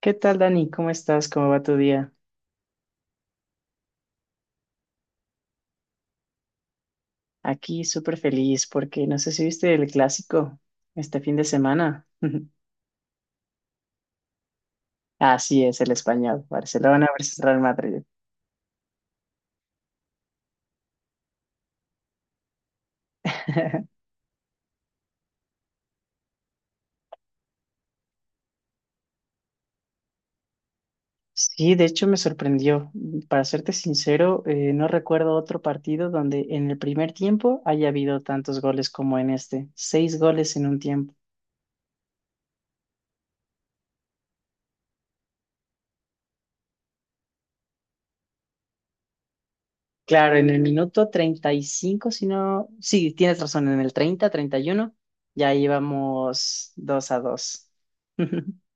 ¿Qué tal, Dani? ¿Cómo estás? ¿Cómo va tu día? Aquí súper feliz porque no sé si viste el clásico este fin de semana. Así es, el español, Barcelona versus Real Madrid. Sí, de hecho me sorprendió. Para serte sincero, no recuerdo otro partido donde en el primer tiempo haya habido tantos goles como en este. Seis goles en un tiempo. Claro, en el minuto 35, si no, sí, tienes razón, en el 30, 31, ya íbamos 2-2.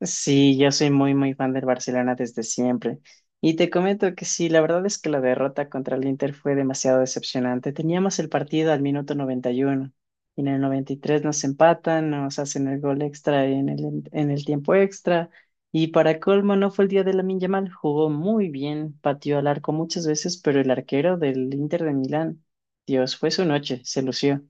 Sí, yo soy muy, muy fan del Barcelona desde siempre. Y te comento que sí, la verdad es que la derrota contra el Inter fue demasiado decepcionante. Teníamos el partido al minuto 91 y en el 93 nos empatan, nos hacen el gol extra en el tiempo extra. Y para colmo, no fue el día de Lamine Yamal, jugó muy bien, pateó al arco muchas veces, pero el arquero del Inter de Milán, Dios, fue su noche, se lució.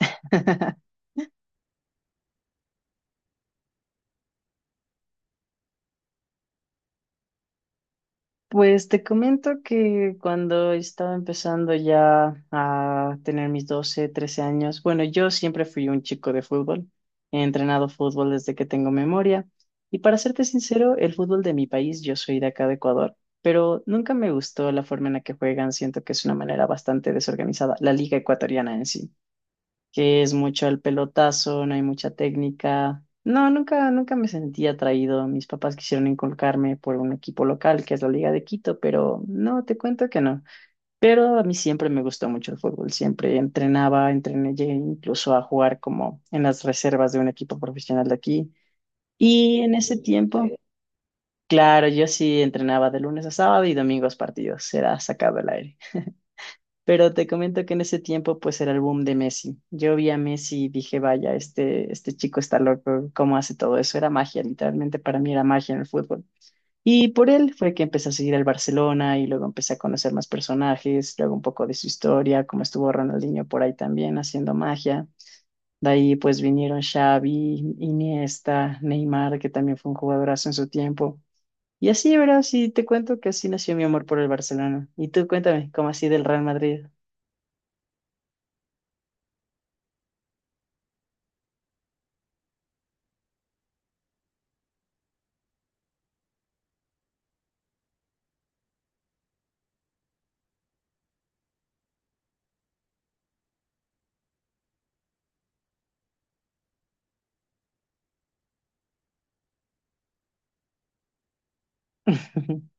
Pues te comento que cuando estaba empezando ya a tener mis 12, 13 años, bueno, yo siempre fui un chico de fútbol, he entrenado fútbol desde que tengo memoria y para serte sincero, el fútbol de mi país, yo soy de acá de Ecuador, pero nunca me gustó la forma en la que juegan, siento que es una manera bastante desorganizada, la liga ecuatoriana en sí, que es mucho el pelotazo, no hay mucha técnica. No, nunca, nunca me sentí atraído. Mis papás quisieron inculcarme por un equipo local, que es la Liga de Quito, pero no, te cuento que no. Pero a mí siempre me gustó mucho el fútbol, siempre entrenaba, entrené, llegué incluso a jugar como en las reservas de un equipo profesional de aquí. Y en ese tiempo, claro, yo sí entrenaba de lunes a sábado y domingos partidos, era sacado el aire. Pero te comento que en ese tiempo pues era el boom de Messi. Yo vi a Messi y dije, vaya, este chico está loco, ¿cómo hace todo eso? Era magia, literalmente para mí era magia en el fútbol. Y por él fue que empecé a seguir al Barcelona y luego empecé a conocer más personajes, luego un poco de su historia, como estuvo Ronaldinho por ahí también haciendo magia. De ahí pues vinieron Xavi, Iniesta, Neymar, que también fue un jugadorazo en su tiempo. Y así, ¿verdad? Sí, te cuento que así nació mi amor por el Barcelona. Y tú cuéntame, ¿cómo así del Real Madrid?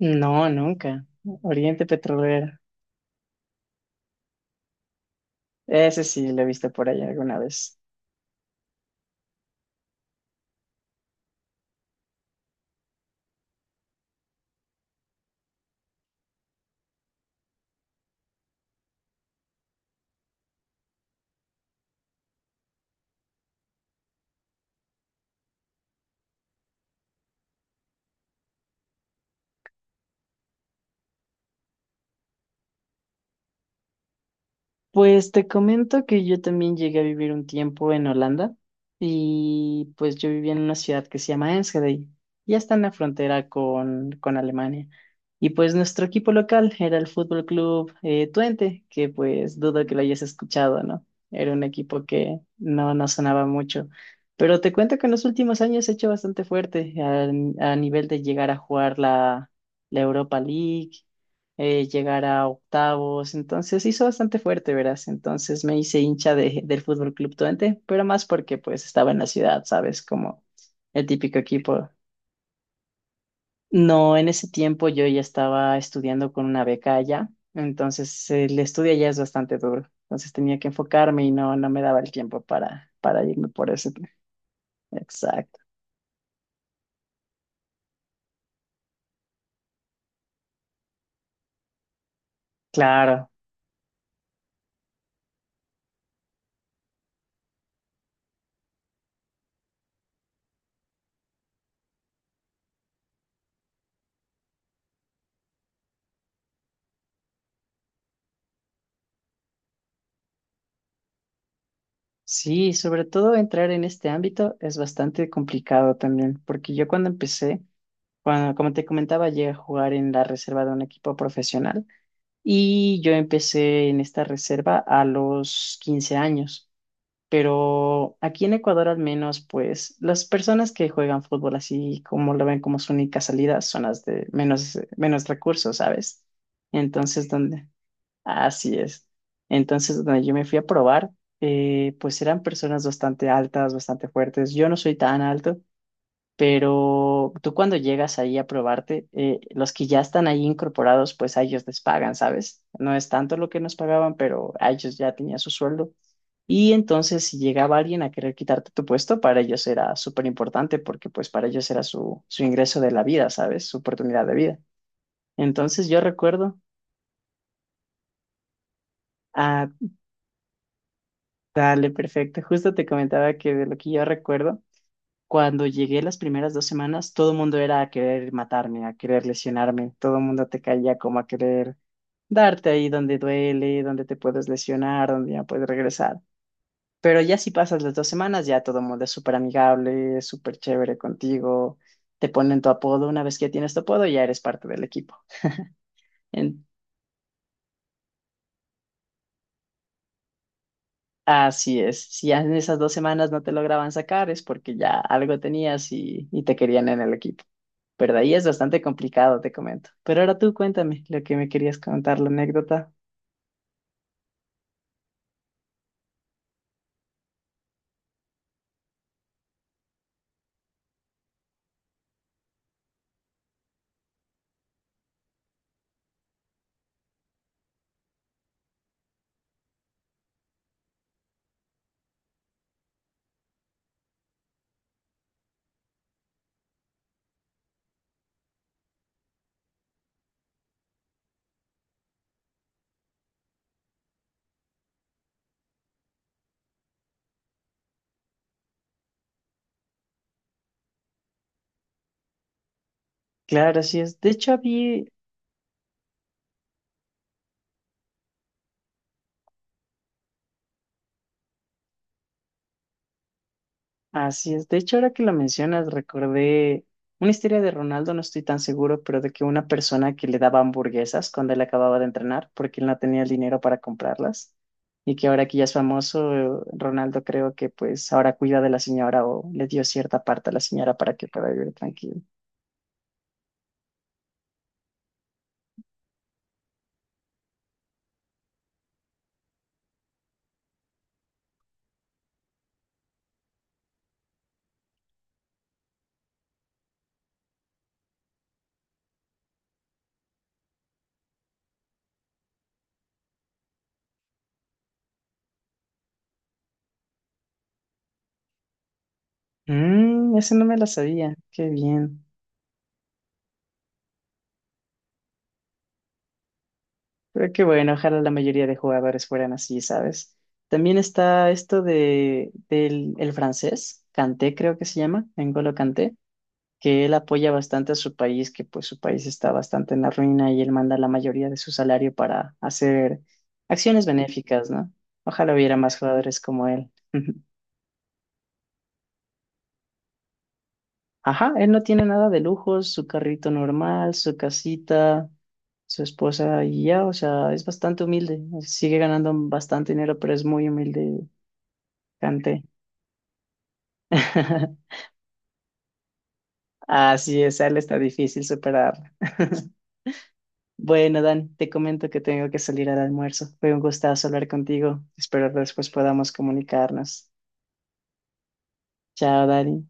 No, nunca. Oriente Petrolero. Ese sí lo he visto por ahí alguna vez. Pues te comento que yo también llegué a vivir un tiempo en Holanda y pues yo vivía en una ciudad que se llama Enschede, ya está en la frontera con Alemania. Y pues nuestro equipo local era el Fútbol Club Twente, que pues dudo que lo hayas escuchado, ¿no? Era un equipo que no, no sonaba mucho. Pero te cuento que en los últimos años se ha hecho bastante fuerte a nivel de llegar a jugar la Europa League llegar a octavos, entonces hizo bastante fuerte, verás, entonces me hice hincha de, del Fútbol Club Twente, pero más porque pues estaba en la ciudad, ¿sabes? Como el típico equipo. No, en ese tiempo yo ya estaba estudiando con una beca allá, entonces el estudio allá es bastante duro, entonces tenía que enfocarme y no, no me daba el tiempo para irme por ese. Exacto, claro. Sí, sobre todo entrar en este ámbito es bastante complicado también, porque yo cuando empecé, cuando, como te comentaba, llegué a jugar en la reserva de un equipo profesional y yo empecé en esta reserva a los 15 años. Pero aquí en Ecuador al menos, pues las personas que juegan fútbol así como lo ven como su única salida son las de menos, menos recursos, ¿sabes? Entonces, donde, así es. Entonces, donde yo me fui a probar, pues eran personas bastante altas, bastante fuertes. Yo no soy tan alto. Pero tú cuando llegas ahí a probarte, los que ya están ahí incorporados, pues a ellos les pagan, ¿sabes? No es tanto lo que nos pagaban, pero a ellos ya tenían su sueldo. Y entonces si llegaba alguien a querer quitarte tu puesto, para ellos era súper importante porque pues para ellos era su, su ingreso de la vida, ¿sabes? Su oportunidad de vida. Entonces yo recuerdo, ah, dale, perfecto, justo te comentaba que de lo que yo recuerdo. Cuando llegué las primeras dos semanas, todo el mundo era a querer matarme, a querer lesionarme, todo el mundo te caía como a querer darte ahí donde duele, donde te puedes lesionar, donde ya puedes regresar. Pero ya si pasas las dos semanas, ya todo el mundo es súper amigable, súper chévere contigo, te ponen tu apodo, una vez que tienes tu apodo ya eres parte del equipo. En- Así es, si ya en esas dos semanas no te lograban sacar es porque ya algo tenías y te querían en el equipo. Pero de ahí es bastante complicado, te comento. Pero ahora tú cuéntame lo que me querías contar, la anécdota. Claro, así es. De hecho, había, así es. De hecho, ahora que lo mencionas, recordé una historia de Ronaldo, no estoy tan seguro, pero de que una persona que le daba hamburguesas cuando él acababa de entrenar, porque él no tenía el dinero para comprarlas. Y que ahora que ya es famoso, Ronaldo creo que pues ahora cuida de la señora o le dio cierta parte a la señora para que pueda vivir tranquilo. Mmm, ese no me la sabía. Qué bien. Pero qué bueno, ojalá la mayoría de jugadores fueran así, ¿sabes? También está esto de, del el francés, Kanté creo que se llama, N'Golo Kanté, que él apoya bastante a su país, que pues su país está bastante en la ruina y él manda la mayoría de su salario para hacer acciones benéficas, ¿no? Ojalá hubiera más jugadores como él. Ajá, él no tiene nada de lujos, su carrito normal, su casita, su esposa y ya, o sea, es bastante humilde. Sigue ganando bastante dinero, pero es muy humilde, Canté. Así es, a él está difícil superar. Bueno, Dan, te comento que tengo que salir al almuerzo. Fue un gustazo hablar contigo. Espero después podamos comunicarnos. Chao, Dani.